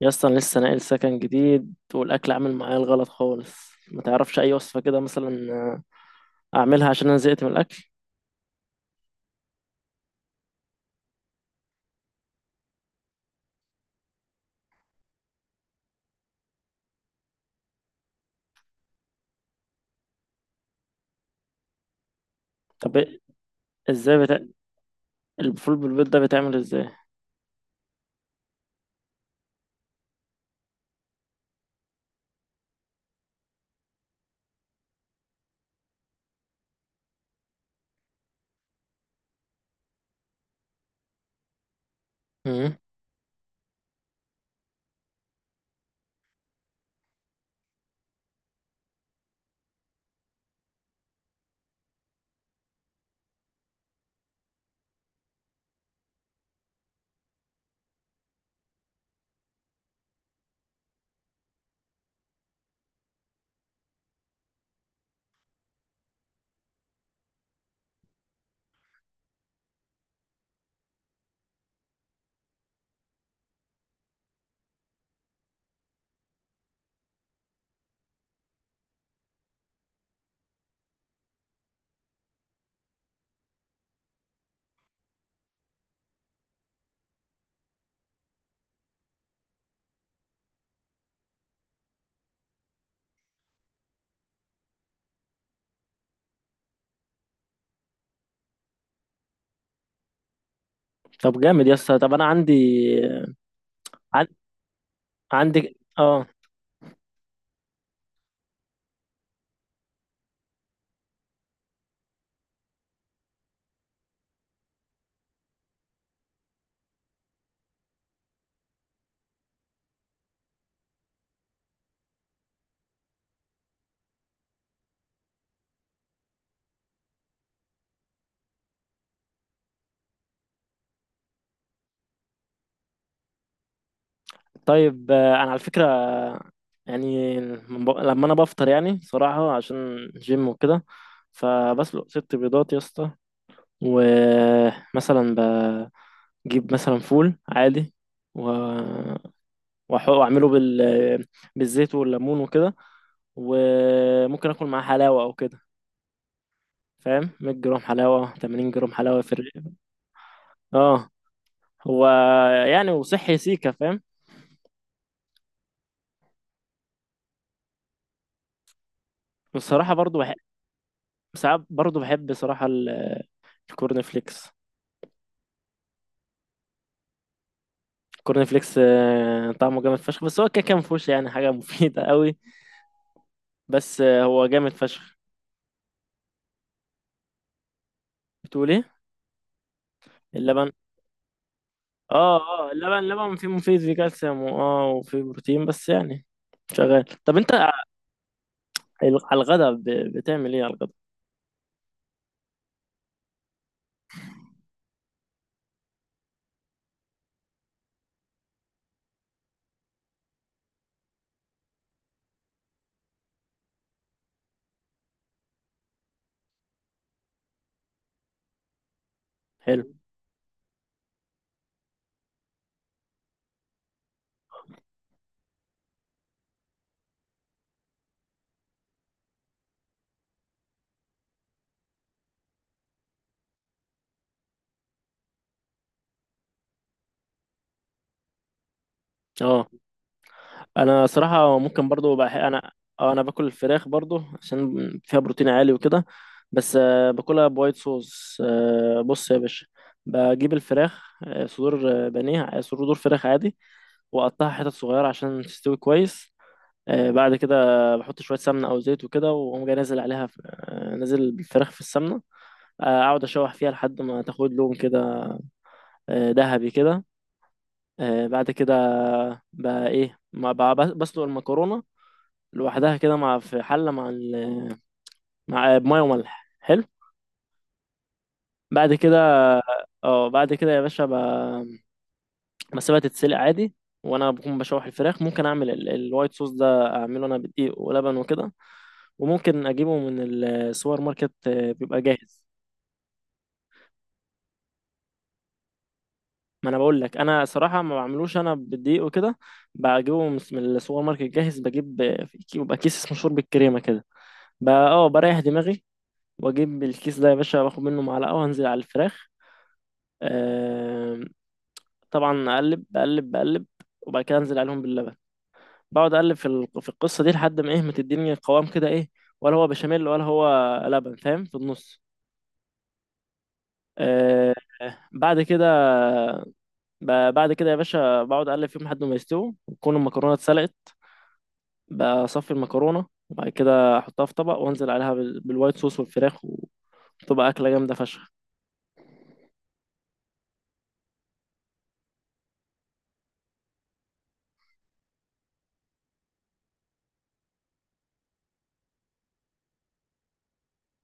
يا اسطى انا لسه ناقل سكن جديد والاكل عامل معايا الغلط خالص. ما تعرفش اي وصفه كده مثلا اعملها عشان انا زهقت من الاكل. طب ازاي بتا... الفول بالبيض ده بيتعمل ازاي؟ مم. طب جامد يا اسطى. طب انا عن... عندي اه. طيب انا على فكره يعني لما انا بفطر يعني صراحه عشان جيم وكده فبسلق ست بيضات يا اسطى، ومثلا بجيب مثلا فول عادي، و واعمله بالزيت والليمون وكده، وممكن اكل معاه حلاوه او كده، فاهم؟ 100 جرام حلاوه، 80 جرام حلاوه في الرغيف. اه، هو يعني وصحي سيكا، فاهم. والصراحه برضو بحب، ساعات برضو بحب صراحه الكورن فليكس الكورن فليكس طعمه جامد فشخ، بس هو كده كان مفهوش يعني حاجه مفيده قوي. بس هو جامد فشخ. بتقول ايه؟ اللبن. اه اه، اللبن فيه مفيد، فيه كالسيوم وفيه بروتين، بس يعني شغال. طب انت على الغدا، بتعمل ايه على الغدا؟ حلو. اه، انا صراحه ممكن برضو انا، اه انا باكل الفراخ برضو عشان فيها بروتين عالي وكده، بس باكلها بوايت صوص. بص يا باشا، بجيب الفراخ صدور بانيه، صدور فراخ عادي، واقطعها حتت صغيره عشان تستوي كويس. بعد كده بحط شويه سمنه او زيت وكده، واقوم جاي نازل عليها في... آه، نازل بالفراخ في السمنه. اقعد اشوح فيها لحد ما تاخد لون كده، ذهبي كده. بعد كده بقى ايه ما بقى بسلق المكرونه لوحدها كده، مع في حله، مع بميه وملح. حلو. بعد كده اه، بعد كده يا باشا بسيبها تتسلق عادي، وانا بكون بشوح الفراخ. ممكن اعمل الوايت صوص ده اعمله انا بدقيق ولبن وكده، وممكن اجيبه من السوبر ماركت بيبقى جاهز. ما انا بقول لك انا صراحه ما بعملوش، انا بالدقيق وكده، بجيبه من السوبر ماركت جاهز. بجيب بيبقى كيس اسمه شوربه كريمه كده، بقى اه بريح دماغي، واجيب الكيس ده يا باشا، باخد منه معلقه وانزل على الفراخ آم، طبعا اقلب، بقلب، وبعد كده انزل عليهم باللبن، بقعد اقلب في القصه دي لحد ما ايه، ما تديني قوام كده، ايه ولا هو بشاميل ولا هو لبن، فاهم، في النص. آه بعد كده بعد كده يا باشا بقعد اقلب فيهم لحد ما يستووا، وتكون المكرونه اتسلقت. بصفي المكرونه وبعد كده احطها في طبق، وانزل عليها بالوايت صوص والفراخ، وتبقى اكله جامده فشخ.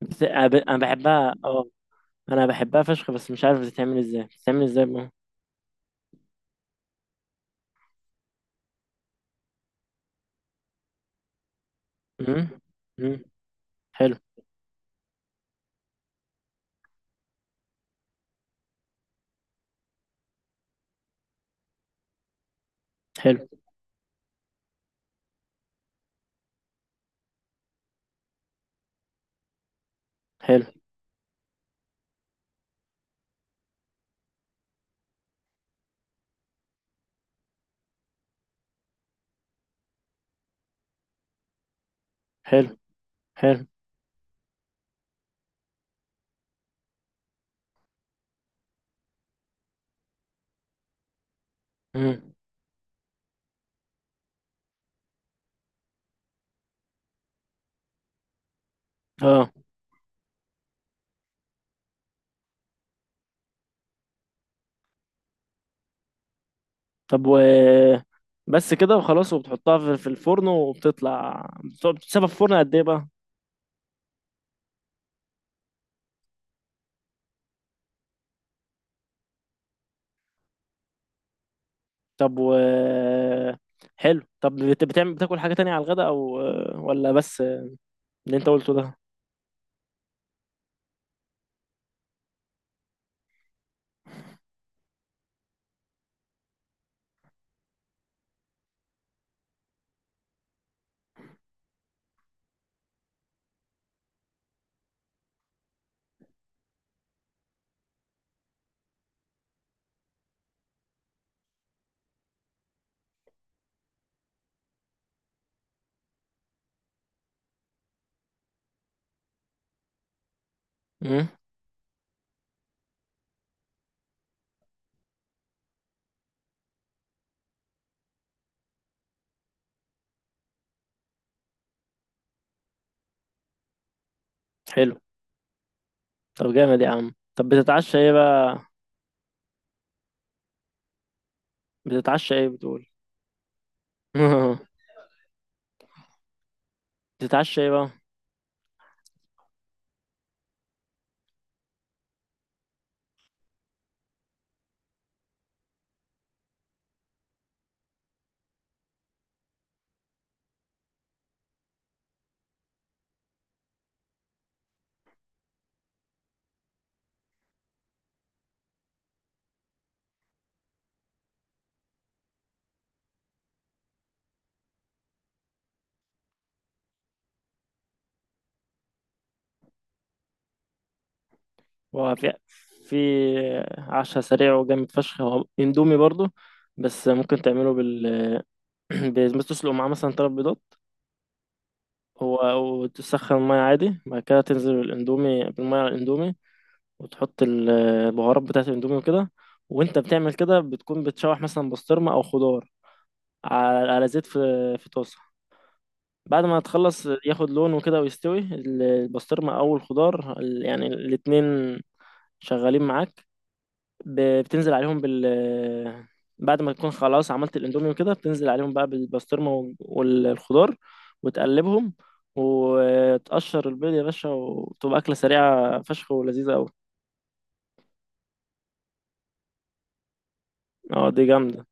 أنا بحبها، اه، انا بحبها فشخ، بس مش عارف بتتعمل ازاي، بتتعمل ازاي بقى؟ امم. امم. حلو. حلو حلو حلو حلو. امم. اه. طب، بس كده وخلاص، وبتحطها في الفرن وبتطلع، بتقعد بتسيبها في الفرن قد ايه بقى؟ طب، حلو. طب بتعمل بتاكل حاجة تانية على الغداء، او ولا بس اللي انت قلته ده؟ امم. حلو. طب جامد يا عم. طب بتتعشى ايه بقى؟ بتتعشى ايه بتقول؟ بتتعشى ايه بقى؟ هو في في عشاء سريع وجامد فشخ، هو اندومي برضو، بس ممكن تعمله بس تسلق معاه مثلا تلات بيضات، هو، وتسخن المية عادي. بعد كده تنزل الاندومي بالمية، على الاندومي وتحط البهارات بتاعة الاندومي وكده. وانت بتعمل كده بتكون بتشوح مثلا بسطرمة او خضار على، على زيت في، في طاسة. بعد ما تخلص ياخد لون وكده، ويستوي البسطرمة او الخضار يعني الاتنين شغالين معاك، بتنزل عليهم بعد ما تكون خلاص عملت الاندومي وكده، بتنزل عليهم بقى بالبسطرمة والخضار، وتقلبهم، وتقشر البيض يا باشا، وتبقى أكلة سريعة فشخ، ولذيذة أوي. اه دي جامدة.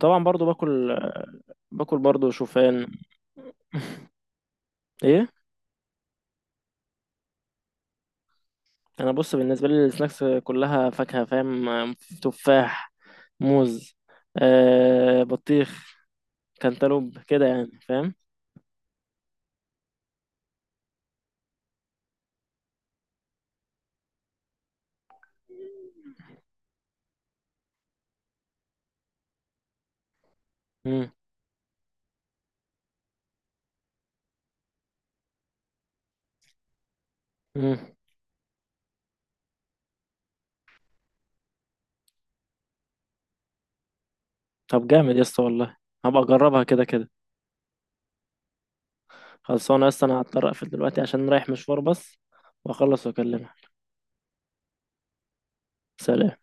طبعا برضو باكل، برضو شوفان. ايه؟ انا بص، بالنسبة لي السناكس كلها فاكهة، فاهم، تفاح، موز، بطيخ، كانتالوب كده، يعني فاهم. مم. مم. طب جامد يا اسطى والله، هبقى اجربها كده كده. خلصانه يا اسطى، انا هضطر اقفل دلوقتي عشان رايح مشوار، بس واخلص واكلمها. سلام.